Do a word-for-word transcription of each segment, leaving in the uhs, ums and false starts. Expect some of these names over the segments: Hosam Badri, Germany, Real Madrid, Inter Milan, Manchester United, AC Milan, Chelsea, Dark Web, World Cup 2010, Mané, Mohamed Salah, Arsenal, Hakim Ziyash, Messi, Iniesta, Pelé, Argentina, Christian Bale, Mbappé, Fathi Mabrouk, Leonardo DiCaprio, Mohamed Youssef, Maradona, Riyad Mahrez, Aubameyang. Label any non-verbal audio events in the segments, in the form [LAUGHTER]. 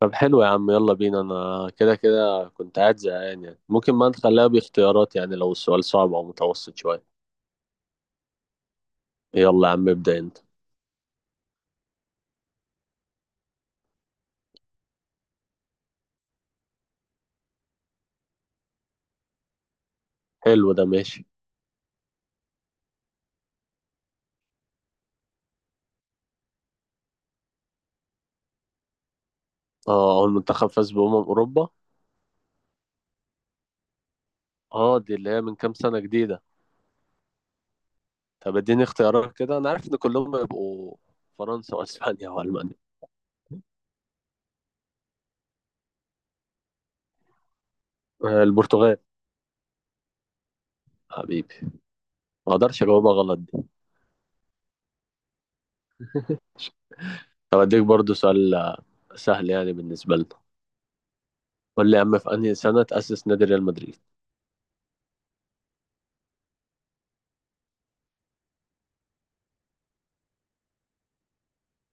طب حلو يا عم، يلا بينا. انا كده كده كنت قاعد زهقان، يعني ممكن ما نخليها باختيارات، يعني لو السؤال صعب او متوسط شوية. يلا يا عم، ابدأ انت. حلو، ده ماشي. اه، اول منتخب فاز بأمم اوروبا. اه، دي اللي هي من كام سنة جديدة. طب اديني اختيارات كده. انا عارف ان كلهم يبقوا فرنسا واسبانيا والمانيا. آه، البرتغال. حبيبي. ما اقدرش اجاوبها غلط دي. طب اديك برضو سؤال، آه، سهل يعني بالنسبة لنا. قول لي يا عم، في انهي سنة تأسس نادي ريال مدريد؟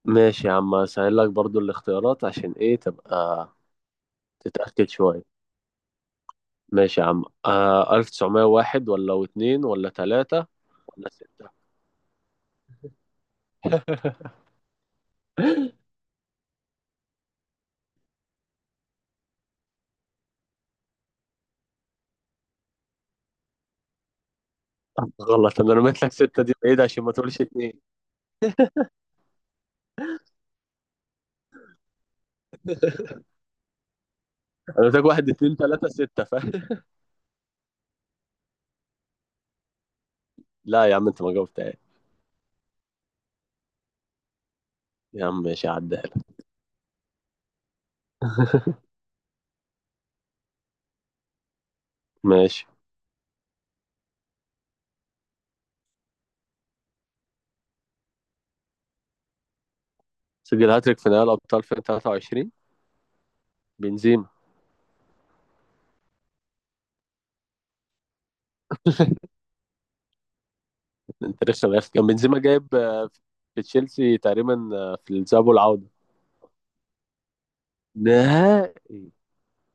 ماشي يا عم، هسهل لك برضو الاختيارات عشان ايه، تبقى تتأكد شوية. ماشي يا عم، آه، ألف وتسعمية وواحد ولا واتنين ولا تلاتة ولا ستة؟ [LAUGHS] غلط. انا رميت لك ستة دي بعيد عشان ما تقولش اتنين. [LAUGHS] انا قلت لك واحد اتنين تلاتة ستة، فاهم؟ [LAUGHS] لا يا عم، انت ما جاوبتهاش. يا عم ماشي، عدها لك. [LAUGHS] ماشي. سجل هاتريك في نهائي الابطال في الفين وتلاتة وعشرين؟ بنزيما. انت لسه ما عرفت. كان بنزيما جايب آه، في تشيلسي تقريبا، آه، في الذهاب والعودة. نهائي.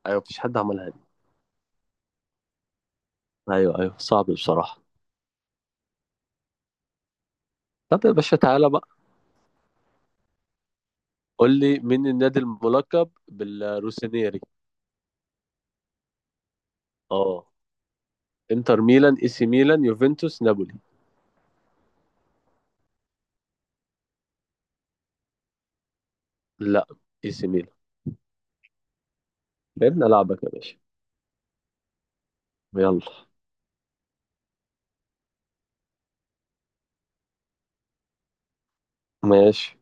ايوه، مفيش حد عملها. ايوه، ايوه، صعب بصراحة. طب يا باشا، تعالى بقى. قول لي مين النادي الملقب بالروسينيري؟ اه. انتر ميلان، اي سي ميلان، يوفنتوس، نابولي. لا. اي سي ميلان. لعبنا لعبك يا باشا. يلا. ماشي.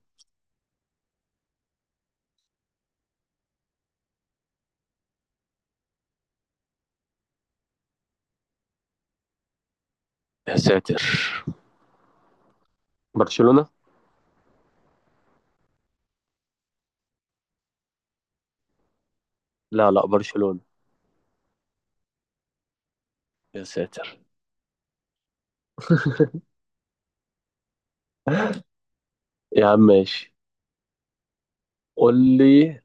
يا ساتر. برشلونة. لا، لا، برشلونة. يا ساتر. [LAUGHS] يا عم ماشي. قول لي،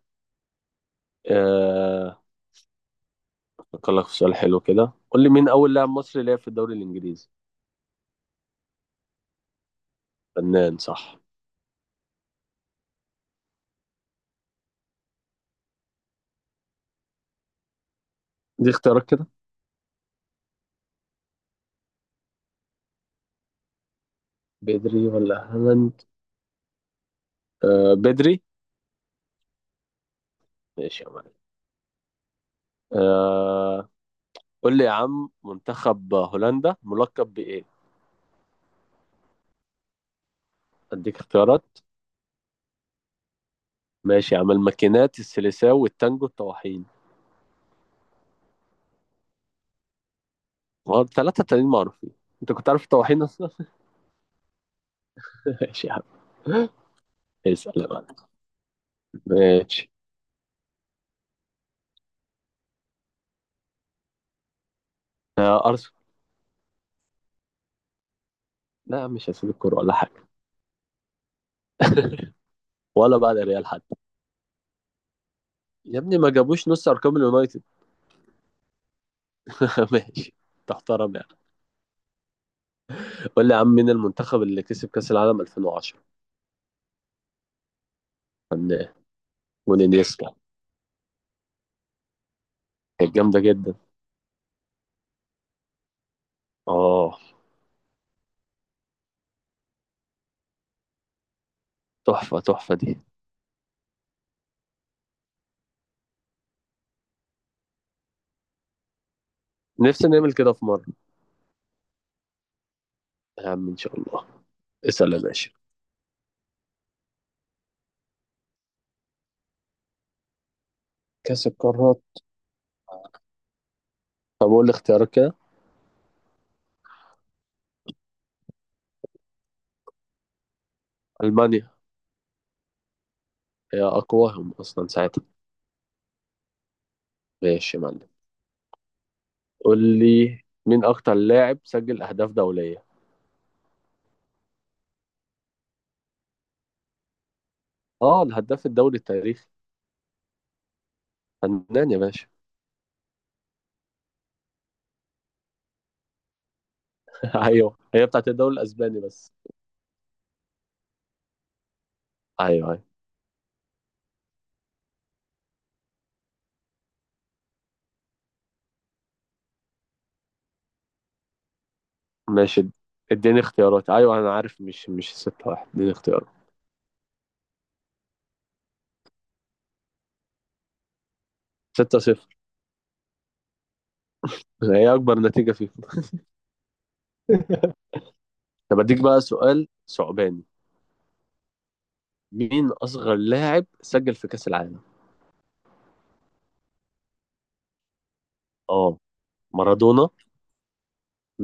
آه... أفكر لك في سؤال حلو كده. قول لي مين أول لاعب مصري لعب في الدوري الإنجليزي؟ فنان، صح. دي اختيارات كده؟ بدري ولا هالاند؟ آه، بدري. ماشي يا معلم. آه. قول لي يا عم، منتخب هولندا ملقب بإيه؟ أديك اختيارات. ماشي يا عم، الماكينات، السيليساو، والتانجو، الطواحين. هو الثلاثة التانيين معروفين. أنت كنت عارف الطواحين أصلا؟ [LAUGHS] ماشي يا عم. اسأل يا معلم. ماشي. آه، أرسنال. لا يا عم، مش هسيب الكورة ولا حاجة. [LAUGHS] ولا بعد ريال حتى. يا ابني، ما جابوش نص أرقام اليونايتد. [LAUGHS] ماشي. تحترم يعني. قول لي يا عم مين المنتخب اللي كسب كأس العالم الفين وعشرة؟ فنان. ونيستا. كانت جامدة جدا. اه. تحفة تحفة دي. نفسي نعمل كده في مرة. يا عم، إن شاء الله. اسأل يا باشا. كأس القارات. طب قول لي اختيارك كده. ألمانيا. هي أقواهم أصلا ساعتها. ماشي يا معلم. قول لي مين أكتر لاعب سجل أهداف دولية. أه، الهداف الدولي التاريخي. فنان يا باشا. [LAUGHS] أيوه، هي بتاعت الدوري الأسباني بس. أيوه، أيوه. ماشي، اديني اختيارات. أيوه أنا عارف. مش مش ستة واحد. اديني اختيارات. ستة صفر. هي أكبر نتيجة فيفا. [LAUGHS] طب أديك بقى سؤال صعباني. مين أصغر لاعب سجل في كأس العالم؟ اه. مارادونا.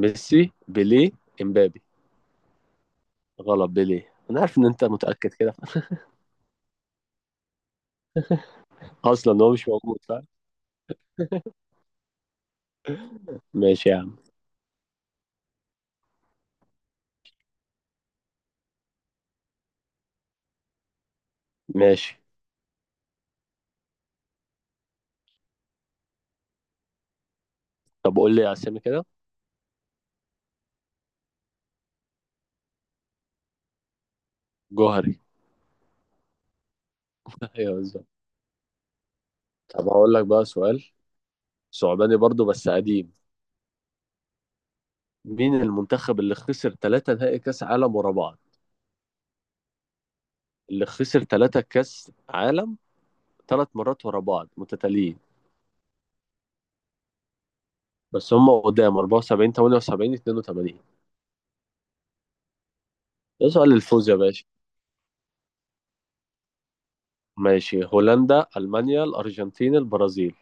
ميسي، بيليه، امبابي. غلط، بيليه. انا عارف ان انت متأكد كده. اصلا هو مش موجود، صح. ماشي يا عم. ماشي. طب قول لي اسامي كده. جوهري. [LAUGHS] ايوه، بالظبط. طب هقول لك بقى سؤال صعباني برضو، بس قديم. مين المنتخب اللي خسر ثلاثة نهائي كأس عالم ورا بعض؟ اللي خسر ثلاثة كأس عالم، ثلاث مرات ورا بعض متتاليين. بس هم قدام اربعة وسبعين، ثمانية وسبعين، اتنين وتمانين. ده سؤال الفوز يا باشا. ماشي. هولندا، ألمانيا، الأرجنتين، البرازيل.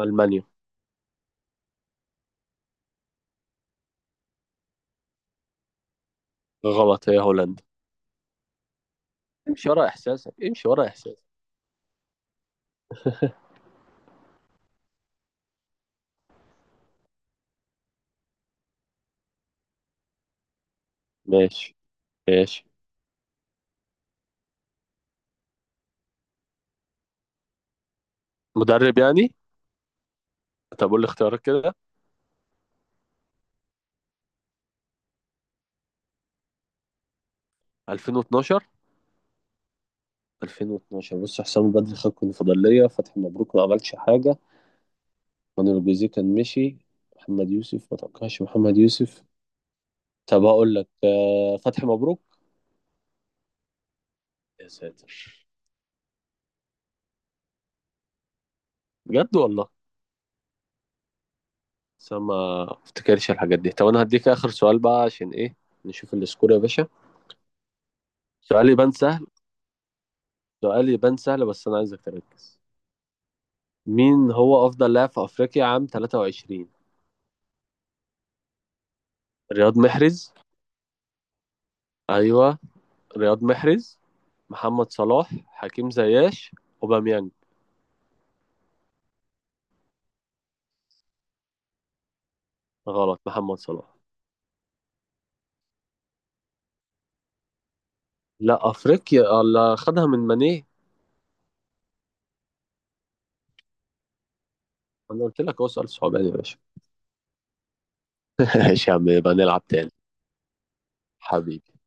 ألمانيا. غلط، هي هولندا. امشي ورا إحساسك، امشي ورا إحساسك. ماشي. ماشي. مدرب يعني؟ طب قول لي اختيارات كده. الفين واتناشر؟ الفين واتناشر. بص، حسام بدري خد الكونفدرالية، فتحي مبروك ما عملش حاجة. مانويل جوزيه كان مشي. محمد يوسف، ما توقعش محمد يوسف. طب هقول لك آه، فتحي مبروك. يا ساتر. بجد والله. بس أنا ما افتكرش الحاجات دي. طب انا هديك اخر سؤال بقى عشان ايه، نشوف السكور يا باشا. سؤال يبان سهل. سؤال يبان سهل، بس انا عايزك تركز. مين هو أفضل لاعب في أفريقيا عام تلاتة وعشرين؟ رياض محرز؟ أيوه. رياض محرز، محمد صلاح، حكيم زياش، أوباميانج. غلط، محمد صلاح. لا، أفريقيا اللي خدها من ماني. أنا قلت لك هو سؤال صعباني يا باشا. [LAUGHS] ماشي يا عم، يبقى نلعب تاني. حبيبي.